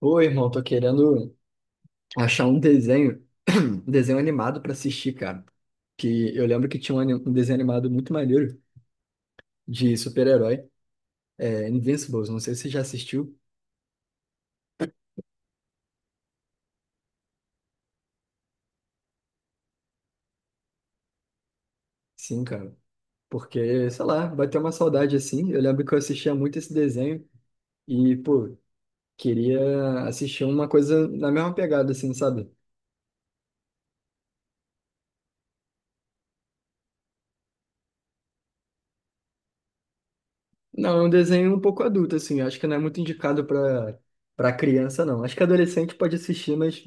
Ô, irmão, tô querendo achar um desenho, um desenho animado pra assistir, cara. Que eu lembro que tinha um desenho animado muito maneiro de super-herói, é, Invincibles. Não sei se você já assistiu. Sim, cara. Porque, sei lá, bateu uma saudade assim. Eu lembro que eu assistia muito esse desenho e, pô, queria assistir uma coisa na mesma pegada, assim, sabe? Não, é um desenho um pouco adulto, assim. Acho que não é muito indicado para criança, não. Acho que adolescente pode assistir, mas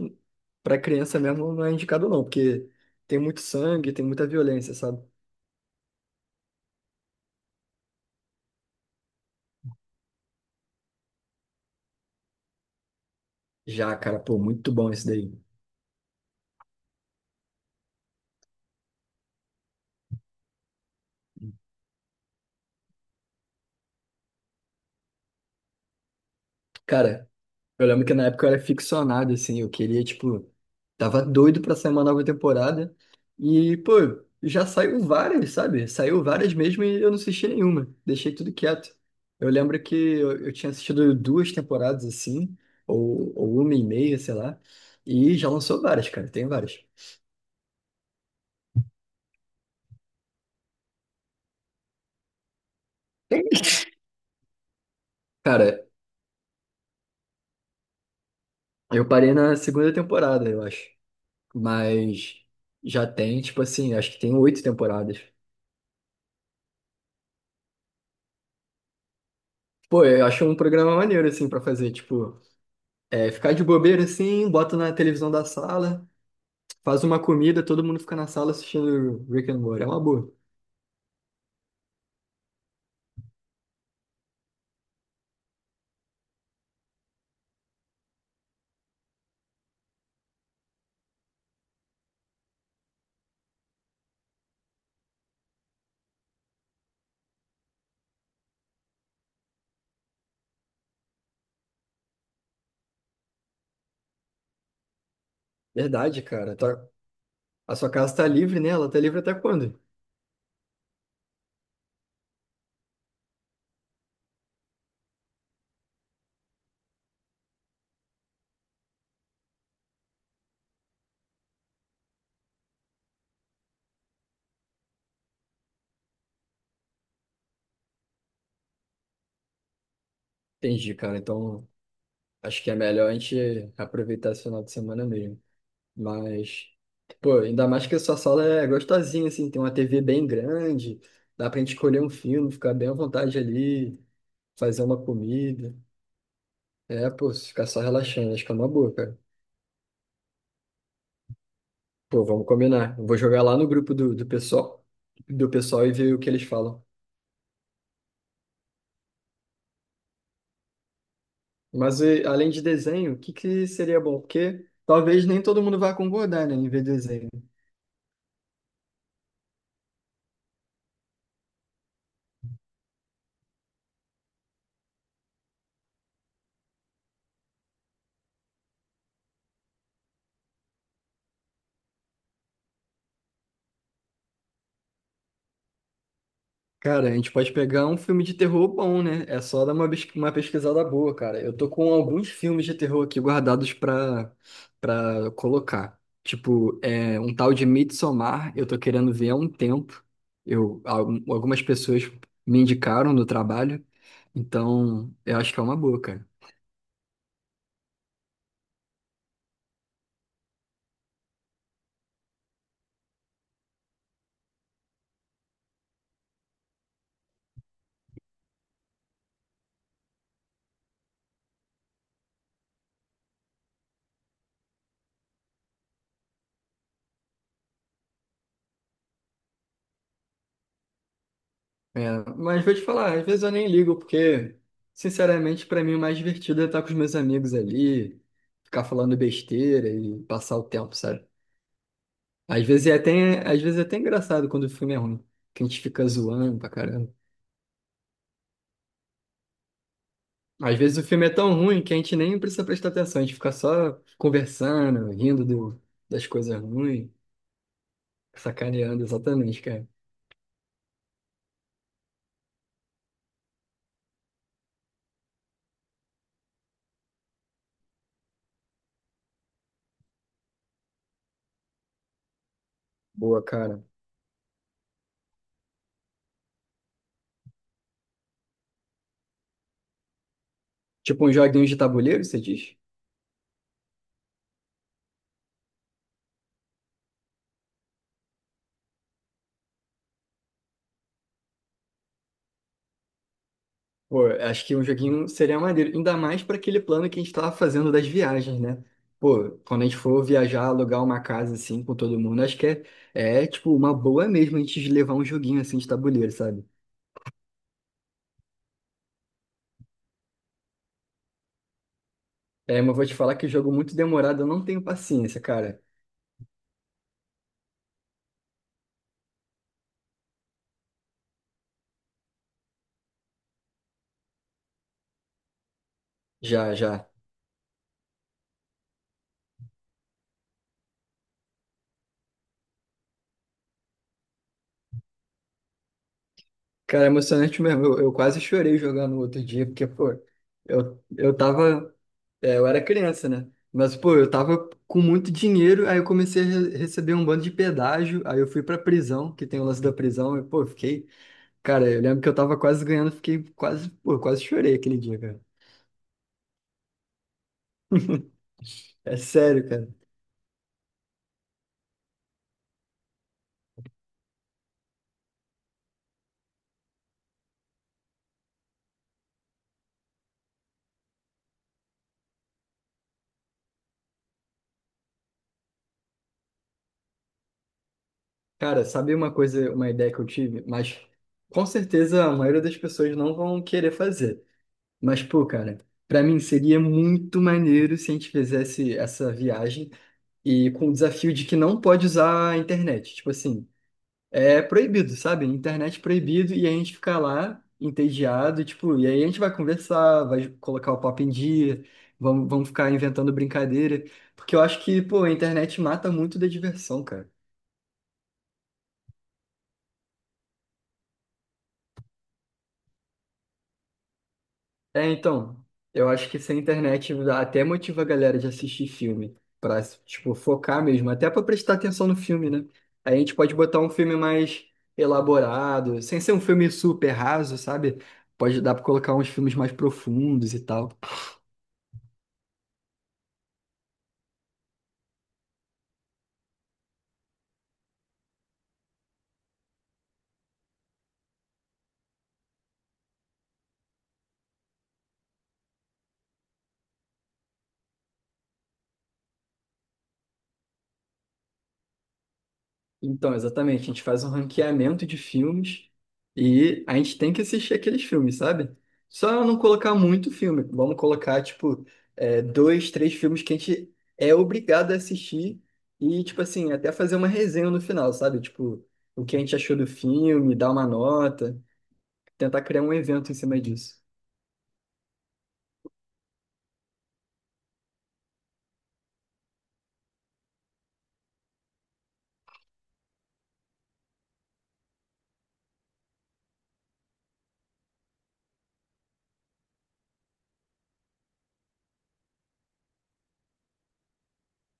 para criança mesmo não é indicado, não, porque tem muito sangue, tem muita violência, sabe? Já, cara, pô, muito bom esse daí. Cara, eu lembro que na época eu era ficcionado, assim, eu queria, tipo, tava doido pra sair uma nova temporada. E, pô, já saiu várias, sabe? Saiu várias mesmo e eu não assisti nenhuma. Deixei tudo quieto. Eu lembro que eu tinha assistido duas temporadas, assim, ou uma e meia, sei lá. E já lançou várias, cara, tem várias. Cara, eu parei na segunda temporada, eu acho. Mas já tem, tipo assim, acho que tem oito temporadas. Pô, eu acho um programa maneiro, assim, pra fazer, tipo. É, ficar de bobeira assim, bota na televisão da sala, faz uma comida, todo mundo fica na sala assistindo Rick and Morty. É uma boa. Verdade, cara. A sua casa tá livre, né? Ela tá livre até quando? Entendi, cara. Então, acho que é melhor a gente aproveitar esse final de semana mesmo. Mas, pô, ainda mais que a sua sala é gostosinha, assim, tem uma TV bem grande, dá pra gente escolher um filme, ficar bem à vontade ali, fazer uma comida. É, pô, ficar só relaxando, acho que é uma boa, cara. Pô, vamos combinar. Eu vou jogar lá no grupo do pessoal e ver o que eles falam. Mas e, além de desenho, o que que seria bom? Porque talvez nem todo mundo vá concordar, né, em ver desenho. Cara, a gente pode pegar um filme de terror bom, né? É só dar uma pesquisada boa, cara. Eu tô com alguns filmes de terror aqui guardados pra colocar. Tipo, é, um tal de Midsommar, eu tô querendo ver há um tempo. Algumas pessoas me indicaram no trabalho, então eu acho que é uma boa, cara. É, mas vou te falar, às vezes eu nem ligo, porque, sinceramente, pra mim o mais divertido é estar com os meus amigos ali, ficar falando besteira e passar o tempo, sabe? Às vezes é até engraçado quando o filme é ruim, que a gente fica zoando pra caramba. Às vezes o filme é tão ruim que a gente nem precisa prestar atenção, a gente fica só conversando, rindo das coisas ruins, sacaneando, exatamente, cara. Boa, cara. Tipo um joguinho de tabuleiro, você diz? Pô, acho que um joguinho seria maneiro, ainda mais para aquele plano que a gente tava fazendo das viagens, né? Pô, quando a gente for viajar, alugar uma casa assim com todo mundo, é tipo uma boa mesmo a gente levar um joguinho assim de tabuleiro, sabe? É, mas vou te falar que jogo muito demorado, eu não tenho paciência, cara. Já, já. Cara, é emocionante mesmo. Eu quase chorei jogando outro dia, porque, pô, eu, eu tava. Eu era criança, né? Mas, pô, eu tava com muito dinheiro, aí eu comecei a receber um bando de pedágio, aí eu fui pra prisão, que tem o lance da prisão, e, pô, eu fiquei. Cara, eu lembro que eu tava quase ganhando, fiquei quase, pô, eu quase chorei aquele dia, cara. É sério, cara. Cara, sabe uma coisa, uma ideia que eu tive? Mas com certeza a maioria das pessoas não vão querer fazer. Mas, pô, cara, pra mim seria muito maneiro se a gente fizesse essa viagem e com o desafio de que não pode usar a internet. Tipo assim, é proibido, sabe? Internet proibido e a gente ficar lá entediado, tipo, e aí a gente vai conversar, vai colocar o papo em dia, vamos ficar inventando brincadeira, porque eu acho que, pô, a internet mata muito da diversão, cara. É, então, eu acho que sem internet até motiva a galera de assistir filme, pra, tipo, focar mesmo, até pra prestar atenção no filme, né? Aí a gente pode botar um filme mais elaborado, sem ser um filme super raso, sabe? Pode dar pra colocar uns filmes mais profundos e tal. Então, exatamente, a gente faz um ranqueamento de filmes e a gente tem que assistir aqueles filmes, sabe? Só não colocar muito filme, vamos colocar, tipo, é, dois, três filmes que a gente é obrigado a assistir e, tipo assim, até fazer uma resenha no final, sabe? Tipo, o que a gente achou do filme, dar uma nota, tentar criar um evento em cima disso.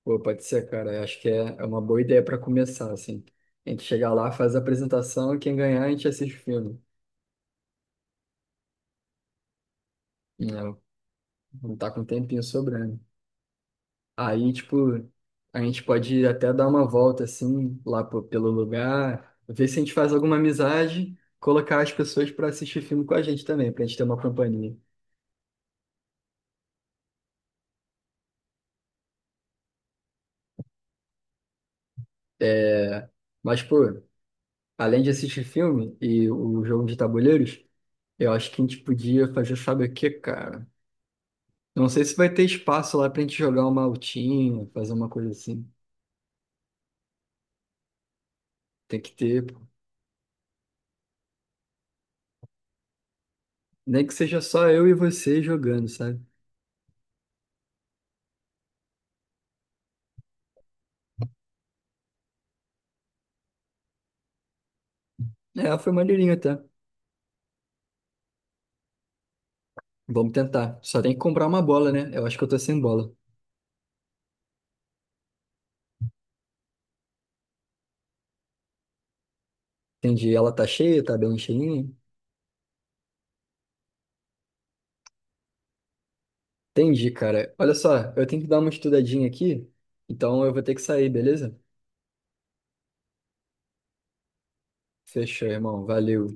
Pô, pode ser, cara, eu acho que é uma boa ideia para começar, assim. A gente chegar lá, faz a apresentação, quem ganhar, a gente assiste o filme. Não, não tá com um tempinho sobrando. Aí, tipo, a gente pode até dar uma volta, assim, pelo lugar, ver se a gente faz alguma amizade, colocar as pessoas pra assistir filme com a gente também, pra gente ter uma companhia. É, mas, pô, além de assistir filme e o jogo de tabuleiros, eu acho que a gente podia fazer, sabe o que cara? Eu não sei se vai ter espaço lá pra gente jogar uma altinha, fazer uma coisa assim. Tem que ter, pô. Nem que seja só eu e você jogando, sabe? É, foi maneirinho até. Vamos tentar. Só tem que comprar uma bola, né? Eu acho que eu tô sem bola. Entendi. Ela tá cheia, tá bem cheinha? Entendi, cara. Olha só, eu tenho que dar uma estudadinha aqui, então eu vou ter que sair, beleza? Fechou, irmão. Valeu.